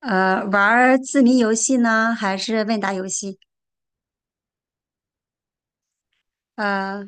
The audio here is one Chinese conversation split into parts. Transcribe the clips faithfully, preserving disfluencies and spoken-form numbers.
呃，玩儿字谜游戏呢，还是问答游戏？呃，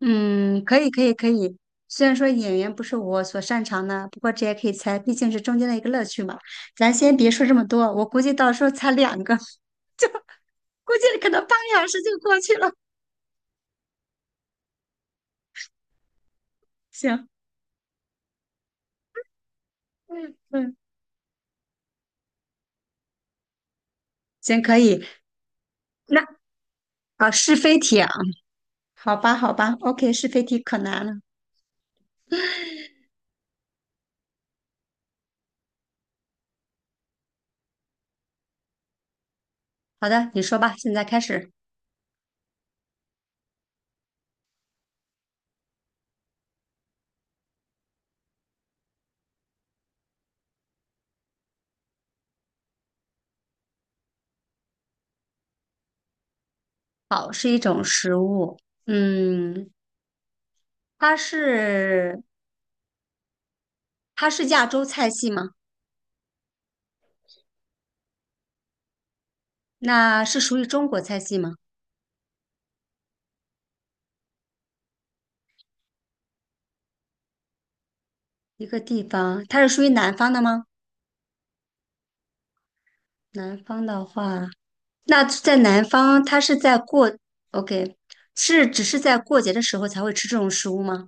嗯，可以，可以，可以。虽然说演员不是我所擅长的，不过这也可以猜，毕竟是中间的一个乐趣嘛。咱先别说这么多，我估计到时候猜两个，估计可能半个小时就过去了。行，嗯嗯，行，可以。那啊，是非题啊，好吧，好吧，OK,是非题可难了。好的，你说吧，现在开始。好，是一种食物，嗯，它是。它是亚洲菜系吗？那是属于中国菜系吗？一个地方，它是属于南方的吗？南方的话，那在南方，它是在过，OK,是只是在过节的时候才会吃这种食物吗？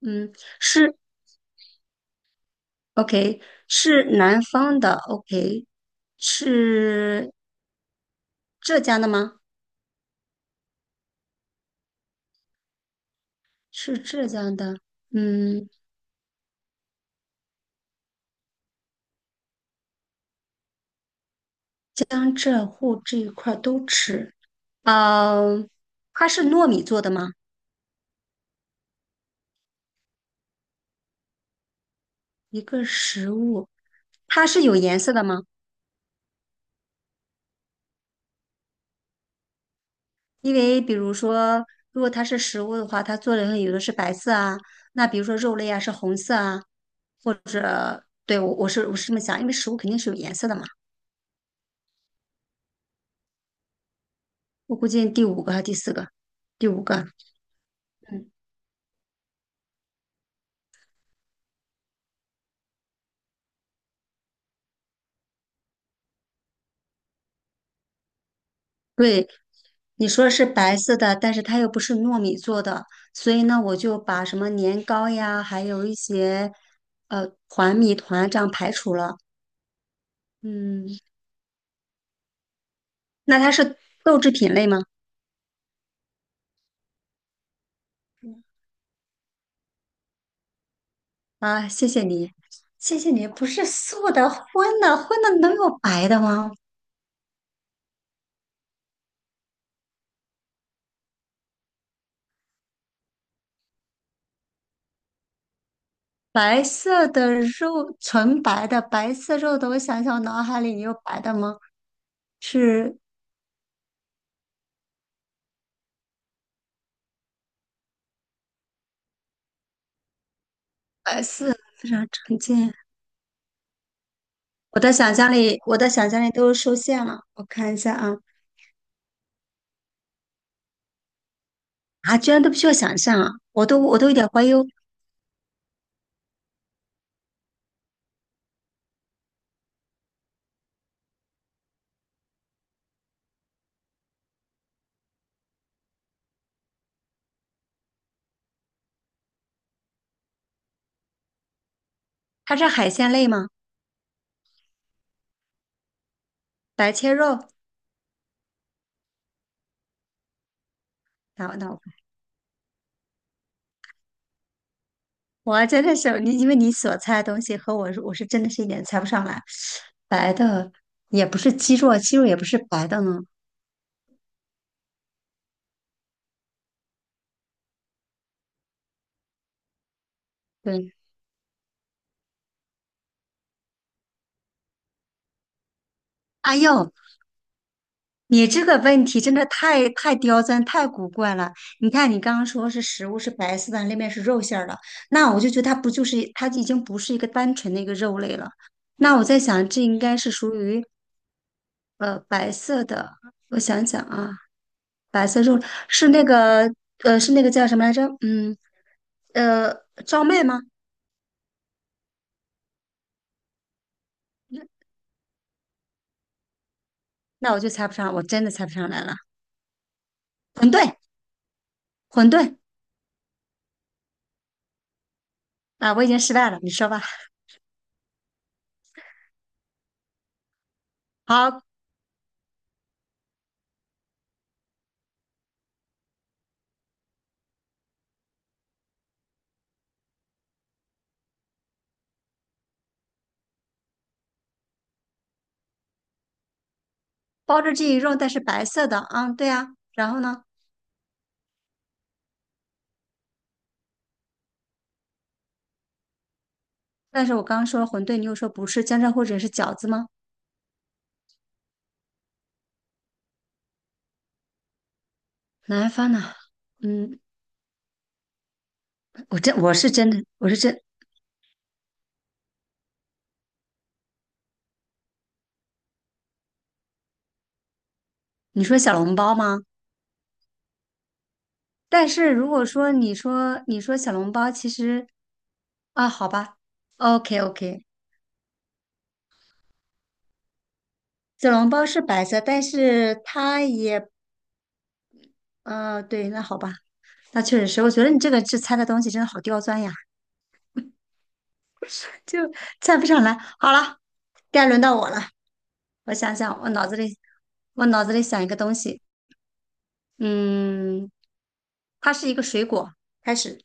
嗯，是 OK,是南方的 OK,是浙江的吗？是浙江的，嗯，江浙沪这一块儿都吃。呃，它是糯米做的吗？一个食物，它是有颜色的吗？因为比如说，如果它是食物的话，它做的有的是白色啊，那比如说肉类啊是红色啊。对，我我是我是这么想，因为食物肯定是有颜色的嘛。我估计第五个还是第四个，第五个。嗯，对，你说是白色的，但是它又不是糯米做的，所以呢，我就把什么年糕呀，还有一些呃团米团这样排除了。嗯，那它是豆制品类吗？啊，谢谢你，谢谢你。不是素的，荤的，荤的能有白的吗？白色的肉，纯白的白色肉的，我想想，我脑海里有白的吗？是白色，非常常见。我的想象力，我的想象力都受限了。我看一下啊，啊，居然都不需要想象啊！我都我都有点怀疑哦，它是海鲜类吗？白切肉？那我那我我真的是你，因为你所猜的东西和我是我是真的是一点猜不上来。白的也不是鸡肉啊，鸡肉也不是白的呢。对，哎呦，你这个问题真的太太刁钻、太古怪了。你看，你刚刚说是食物是白色的，那面是肉馅儿的，那我就觉得它不就是它已经不是一个单纯的一个肉类了。那我在想，这应该是属于呃白色的。我想想啊，白色肉是那个呃是那个叫什么来着？嗯呃，赵麦吗？那我就猜不上，我真的猜不上来了。馄饨，馄饨。啊，我已经失败了，你说吧。好，包着这一肉，但是白色的，啊，对啊。然后呢？但是我刚刚说了馄饨，你又说不是江浙沪者是饺子吗？南方呢？嗯，我真我是真的，我是真，你说小笼包吗？但是如果说你说你说小笼包，其实啊，好吧，OK OK,小笼包是白色，但是它也，呃，对，那好吧，那确实是，我觉得你这个这猜的东西真的好刁钻呀，就猜不上来。好了，该轮到我了。我想想，我脑子里我脑子里想一个东西，嗯，它是一个水果，开始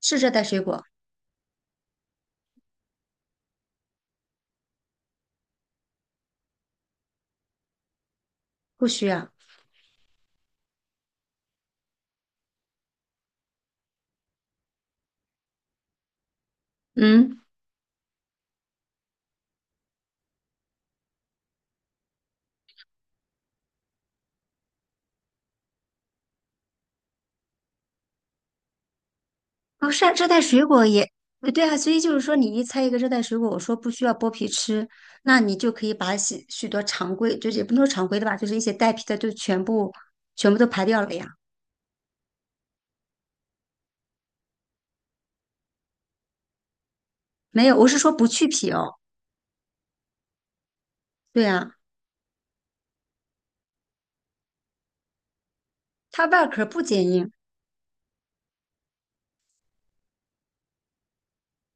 是热带水果，不需要，嗯，哦，是啊热带水果也呃对啊，所以就是说你一猜一个热带水果，我说不需要剥皮吃，那你就可以把许许多常规，就是也不能说常规的吧，就是一些带皮的就全部全部都排掉了呀。没有，我是说不去皮哦，对啊，它外壳不坚硬，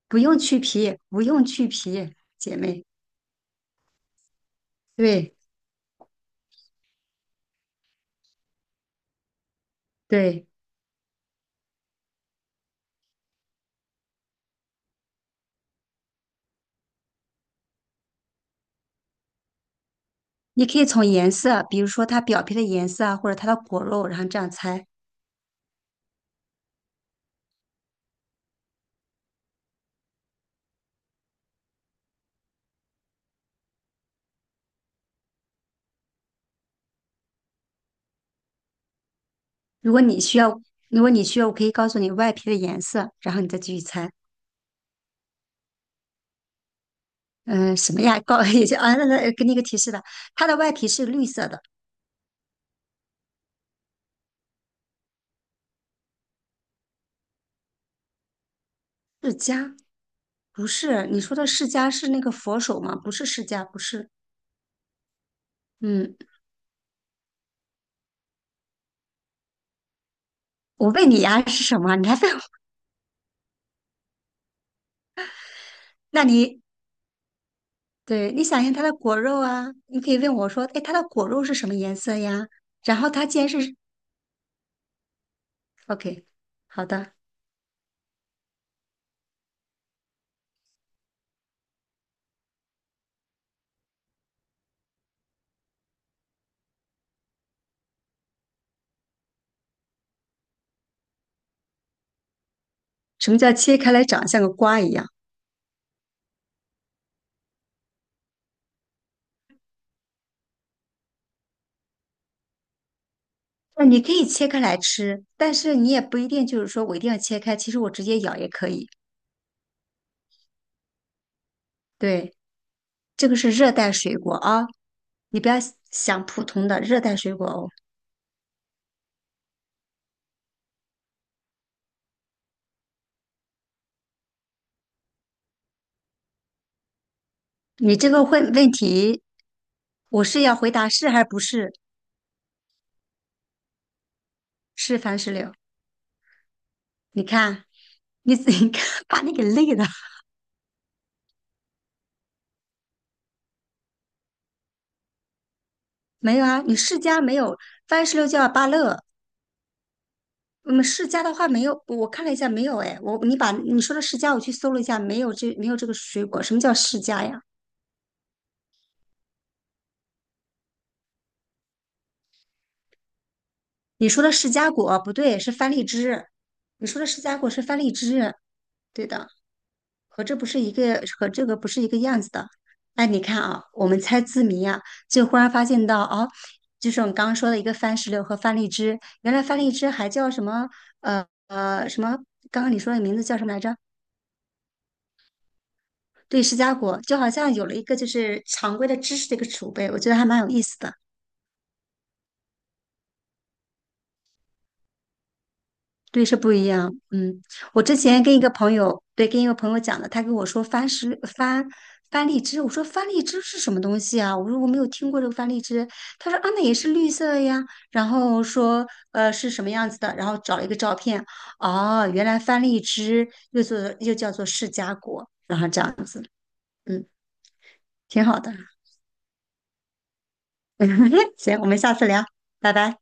不用去皮，不用去皮，姐妹，对对。你可以从颜色，比如说它表皮的颜色啊，或者它的果肉，然后这样猜。如果你需要，如果你需要，我可以告诉你外皮的颜色，然后你再继续猜。嗯、什么呀？告 也就啊，那那给你一个提示吧，它的外皮是绿色的。释迦不是，你说的释迦是那个佛手吗？不是释迦，不是。嗯，我问你呀、是什么？你还问我？那你对，你想一下它的果肉啊，你可以问我说，哎，它的果肉是什么颜色呀？然后它既然是 OK,好的。什么叫切开来长像个瓜一样？那你可以切开来吃，但是你也不一定就是说我一定要切开，其实我直接咬也可以。对，这个是热带水果啊，你不要想普通的热带水果哦。你这个问问题，我是要回答是还是不是？是番石榴？你看，你 你看把你给累的。没有啊，你世家没有番石榴叫芭乐，嗯，释迦的话没有，我看了一下没有哎，我你把你说的释迦我去搜了一下，没有这没有这个水果，什么叫释迦呀？你说的释迦果不对，是番荔枝，你说的释迦果是番荔枝，对的，和这不是一个和这个不是一个样子的。哎，你看啊，我们猜字谜啊，就忽然发现到哦，就是我们刚刚说的一个番石榴和番荔枝，原来番荔枝还叫什么呃呃什么？刚刚你说的名字叫什么来着？对，释迦果就好像有了一个就是常规的知识的一个储备，我觉得还蛮有意思的。对，是不一样。嗯，我之前跟一个朋友，对，跟一个朋友讲的，他跟我说番石番番荔枝，我说番荔枝是什么东西啊？我说我没有听过这个番荔枝。他说啊，那也是绿色的呀。然后说呃是什么样子的？然后找了一个照片，哦，原来番荔枝又做又叫做释迦果，然后这样子，嗯，挺好的。行，我们下次聊，拜拜。